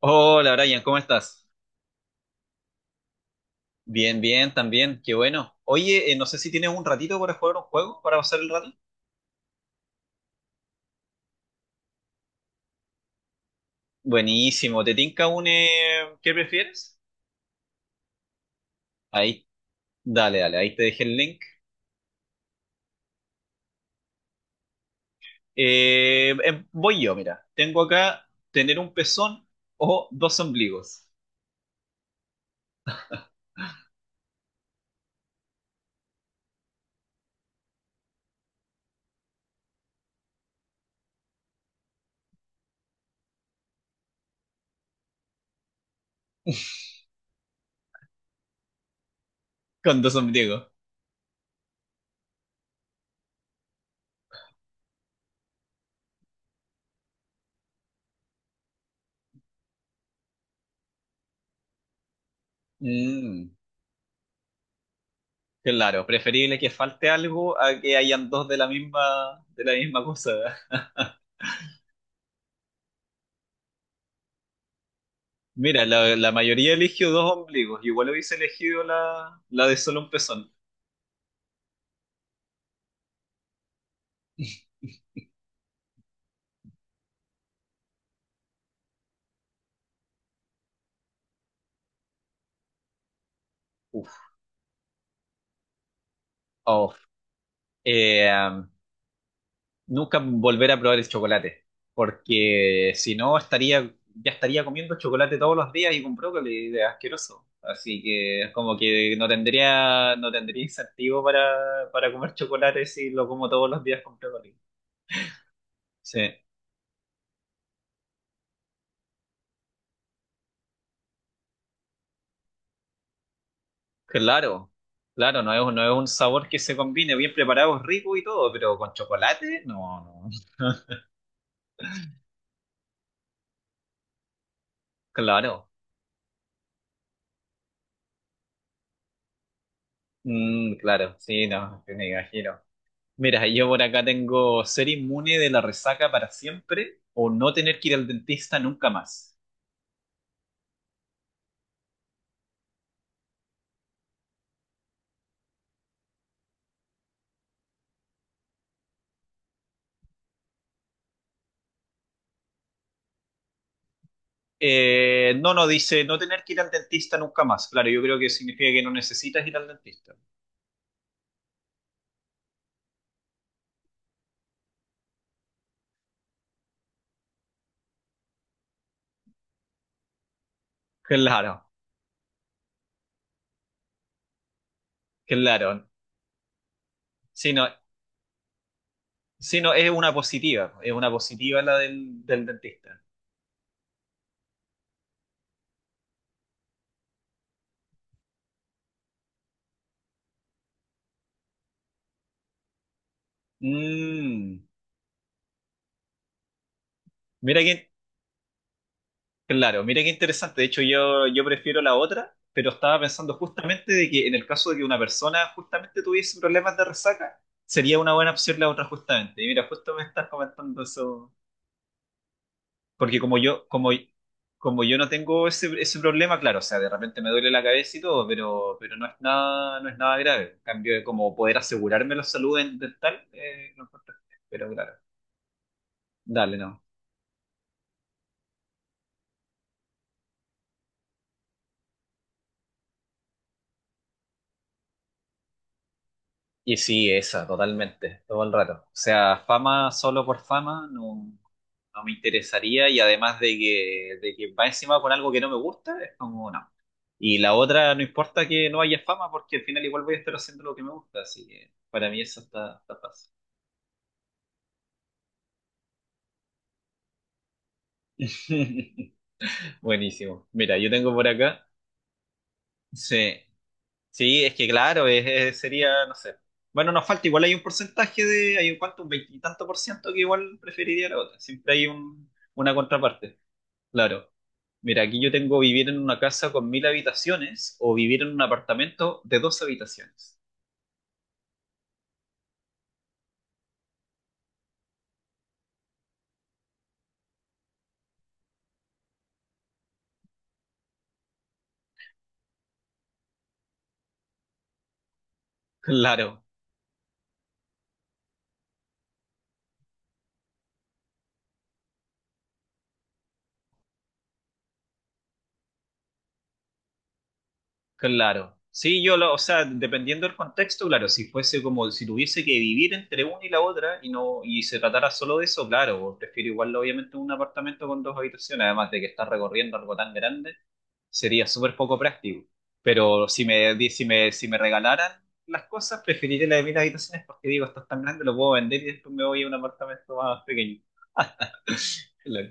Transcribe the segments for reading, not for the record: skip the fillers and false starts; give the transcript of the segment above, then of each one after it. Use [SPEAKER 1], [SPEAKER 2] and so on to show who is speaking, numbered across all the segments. [SPEAKER 1] Hola Brian, ¿cómo estás? Bien, bien, también, qué bueno. Oye, no sé si tienes un ratito para jugar un juego, para pasar el rato. Buenísimo, ¿te tinca un qué prefieres? Ahí, dale, dale, ahí te dejé el link. Voy yo, mira, tengo acá tener un pezón o dos ombligos. Con dos ombligos. Mm, claro, preferible que falte algo a que hayan dos de la misma cosa. Mira, la mayoría eligió dos ombligos. Igual hubiese elegido la de solo un pezón. Uf, oh. Eh, um, nunca volver a probar el chocolate, porque si no estaría, ya estaría comiendo chocolate todos los días y con brócoli, es asqueroso. Así que como que no tendría, no tendría incentivo para comer chocolate si lo como todos los días con brócoli. Sí, claro, claro, no es, no es un sabor que se combine bien preparado, es rico y todo, pero con chocolate, no, no. Claro. Mm, claro, sí, no, sí, me imagino. Mira, yo por acá tengo ser inmune de la resaca para siempre o no tener que ir al dentista nunca más. No, no, dice no tener que ir al dentista nunca más. Claro, yo creo que significa que no necesitas ir al dentista. Claro, claro. Sí, no, sí, no, es una positiva la del, del dentista. Mm, mira quién, Claro, mira qué interesante. De hecho, yo prefiero la otra, pero estaba pensando justamente de que en el caso de que una persona justamente tuviese problemas de resaca, sería una buena opción la otra justamente. Y mira, justo me estás comentando eso, porque como yo no tengo ese, ese problema, claro, o sea, de repente me duele la cabeza y todo, pero no es nada, no es nada grave. En cambio, como poder asegurarme la salud en- dental, no importa. Pero claro, dale, no. Y sí, esa, totalmente, todo el rato. O sea, fama solo por fama no, no me interesaría y además de que va encima con algo que no me gusta, es como no. Y la otra, no importa que no haya fama porque al final igual voy a estar haciendo lo que me gusta, así que para mí eso está, está fácil. Buenísimo. Mira, yo tengo por acá. Sí, sí, es que claro, es- sería, no sé. Bueno, nos falta, igual hay un porcentaje de, hay un cuánto, un veintitanto por ciento que igual preferiría la otra. Siempre hay un, una contraparte. Claro. Mira, aquí yo tengo vivir en una casa con mil habitaciones o vivir en un apartamento de dos habitaciones. Claro, claro. Sí, yo lo, o sea, dependiendo del contexto, claro, si fuese como si tuviese que vivir entre una y la otra y no, y se tratara solo de eso, claro, prefiero igual obviamente un apartamento con dos habitaciones, además de que estás recorriendo algo tan grande. Sería súper poco práctico. Pero si me, di- si me, si me regalaran las cosas, preferiría la de mil habitaciones porque digo, esto es tan grande, lo puedo vender y después me voy a un apartamento más pequeño.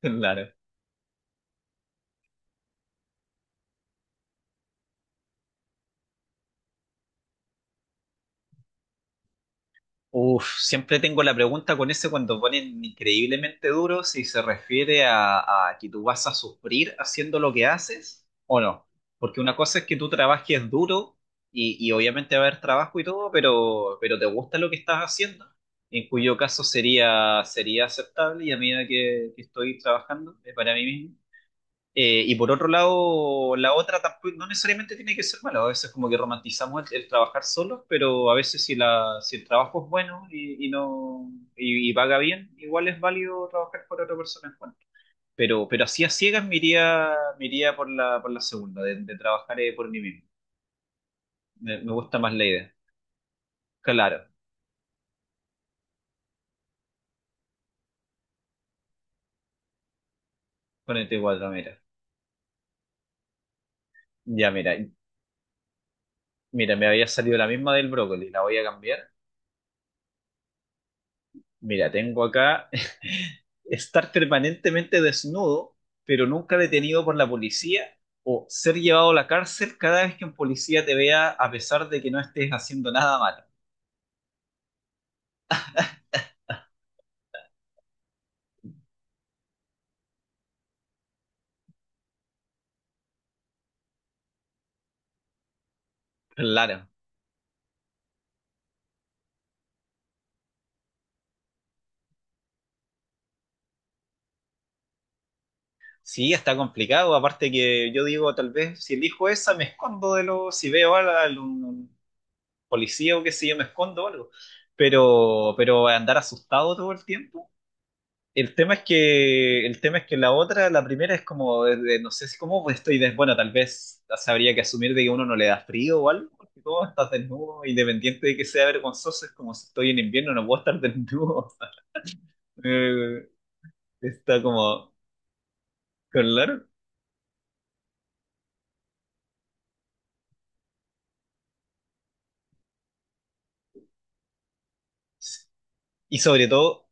[SPEAKER 1] Claro. Uf, siempre tengo la pregunta con ese cuando ponen increíblemente duro si se refiere a que tú vas a sufrir haciendo lo que haces o no. Porque una cosa es que tú trabajes duro y obviamente va a haber trabajo y todo, pero te gusta lo que estás haciendo, en cuyo caso sería, sería aceptable y a medida que estoy trabajando para mí mismo. Y por otro lado, la otra tampoco, no necesariamente tiene que ser mala, a veces como que romantizamos el trabajar solos, pero a veces si, si el trabajo es bueno y no y, y paga bien, igual es válido trabajar por otra persona en. Pero así a ciegas me iría por por la segunda, de trabajar por mí mismo. Me gusta más la idea. Claro, ponete cuatro, mira. Ya, mira, me había salido la misma del brócoli, la voy a cambiar. Mira, tengo acá estar permanentemente desnudo, pero nunca detenido por la policía, o ser llevado a la cárcel cada vez que un policía te vea a pesar de que no estés haciendo nada malo. Claro. Sí, está complicado. Aparte que yo digo, tal vez si elijo esa, me escondo de lo, si veo a algún policía o qué sé yo, me escondo o algo. Pero andar asustado todo el tiempo. El tema es que la otra, la primera es como, de- no sé si cómo pues, estoy, des- bueno, tal vez habría que asumir de que uno no le da frío o algo, porque todo estás desnudo, independiente de que sea vergonzoso, es como si estoy en invierno, no puedo estar desnudo. Eh, está como, claro. Y sobre todo,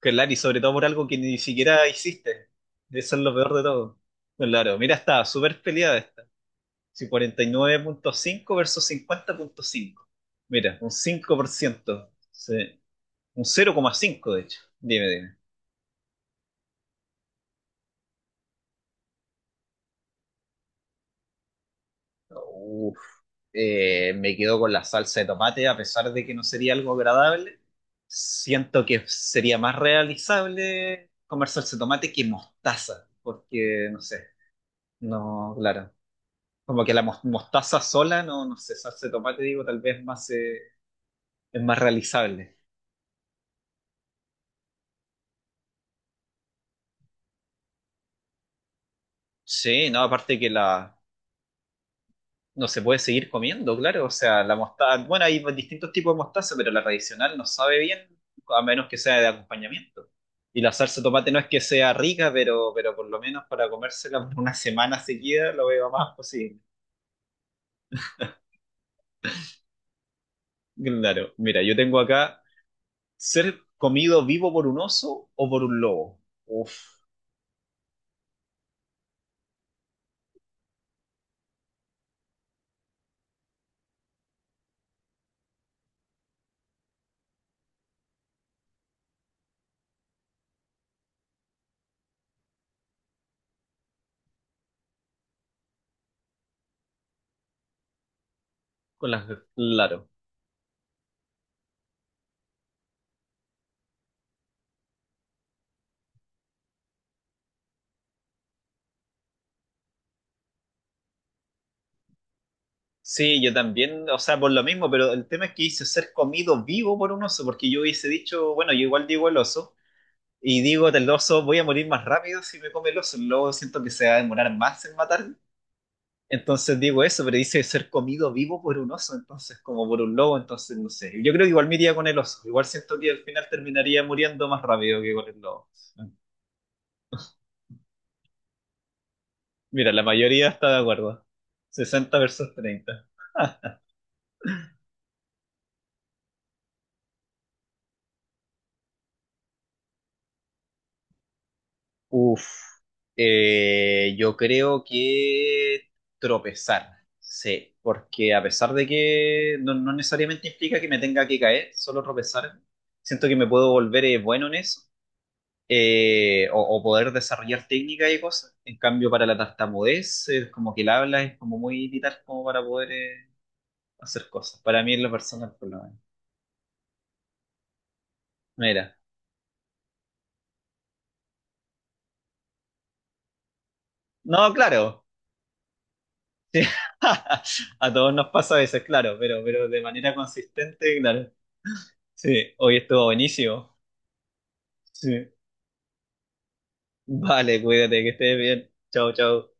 [SPEAKER 1] claro, y sobre todo por algo que ni siquiera hiciste. Eso es lo peor de todo. Claro, mira, está súper peleada esta. Sí, 49.5 versus 50.5. Mira, un 5%. Sí. Un cero coma cinco de hecho. Dime, dime. Uf, me quedo con la salsa de tomate, a pesar de que no sería algo agradable. Siento que sería más realizable comer salsa de tomate que mostaza, porque no sé, no, claro. Como que la mos- mostaza sola, no, no sé, salsa de tomate, digo, tal vez más, es más realizable. Sí, no, aparte que la, no se puede seguir comiendo, claro. O sea, la mostaza, bueno, hay distintos tipos de mostaza, pero la tradicional no sabe bien, a menos que sea de acompañamiento. Y la salsa de tomate no es que sea rica, pero por lo menos para comérsela por una semana seguida lo veo más posible. Claro, mira, yo tengo acá ser comido vivo por un oso o por un lobo. Uf, con las, claro. Sí, yo también, o sea, por lo mismo, pero el tema es que hice ser comido vivo por un oso, porque yo hubiese dicho, bueno, yo igual digo el oso. Y digo del oso, voy a morir más rápido si me come el oso. El lobo siento que se va a demorar más en matarme. Entonces digo eso, pero dice ser comido vivo por un oso, entonces como por un lobo, entonces no sé. Yo creo que igual me iría con el oso. Igual siento que al final terminaría muriendo más rápido que con el lobo. Mira, la mayoría está de acuerdo. 60 versus 30. Uf, yo creo que tropezar, sí, porque a pesar de que no, no necesariamente implica que me tenga que caer, solo tropezar, siento que me puedo volver bueno en eso, o poder desarrollar técnicas y cosas. En cambio, para la tartamudez, como que el habla es como muy vital como para poder hacer cosas. Para mí es lo personal, por lo menos. Mira, no, claro. A todos nos pasa a veces, claro, pero de manera consistente, claro. Sí, hoy estuvo buenísimo. Sí. Vale, cuídate, que estés bien. Chao, chao.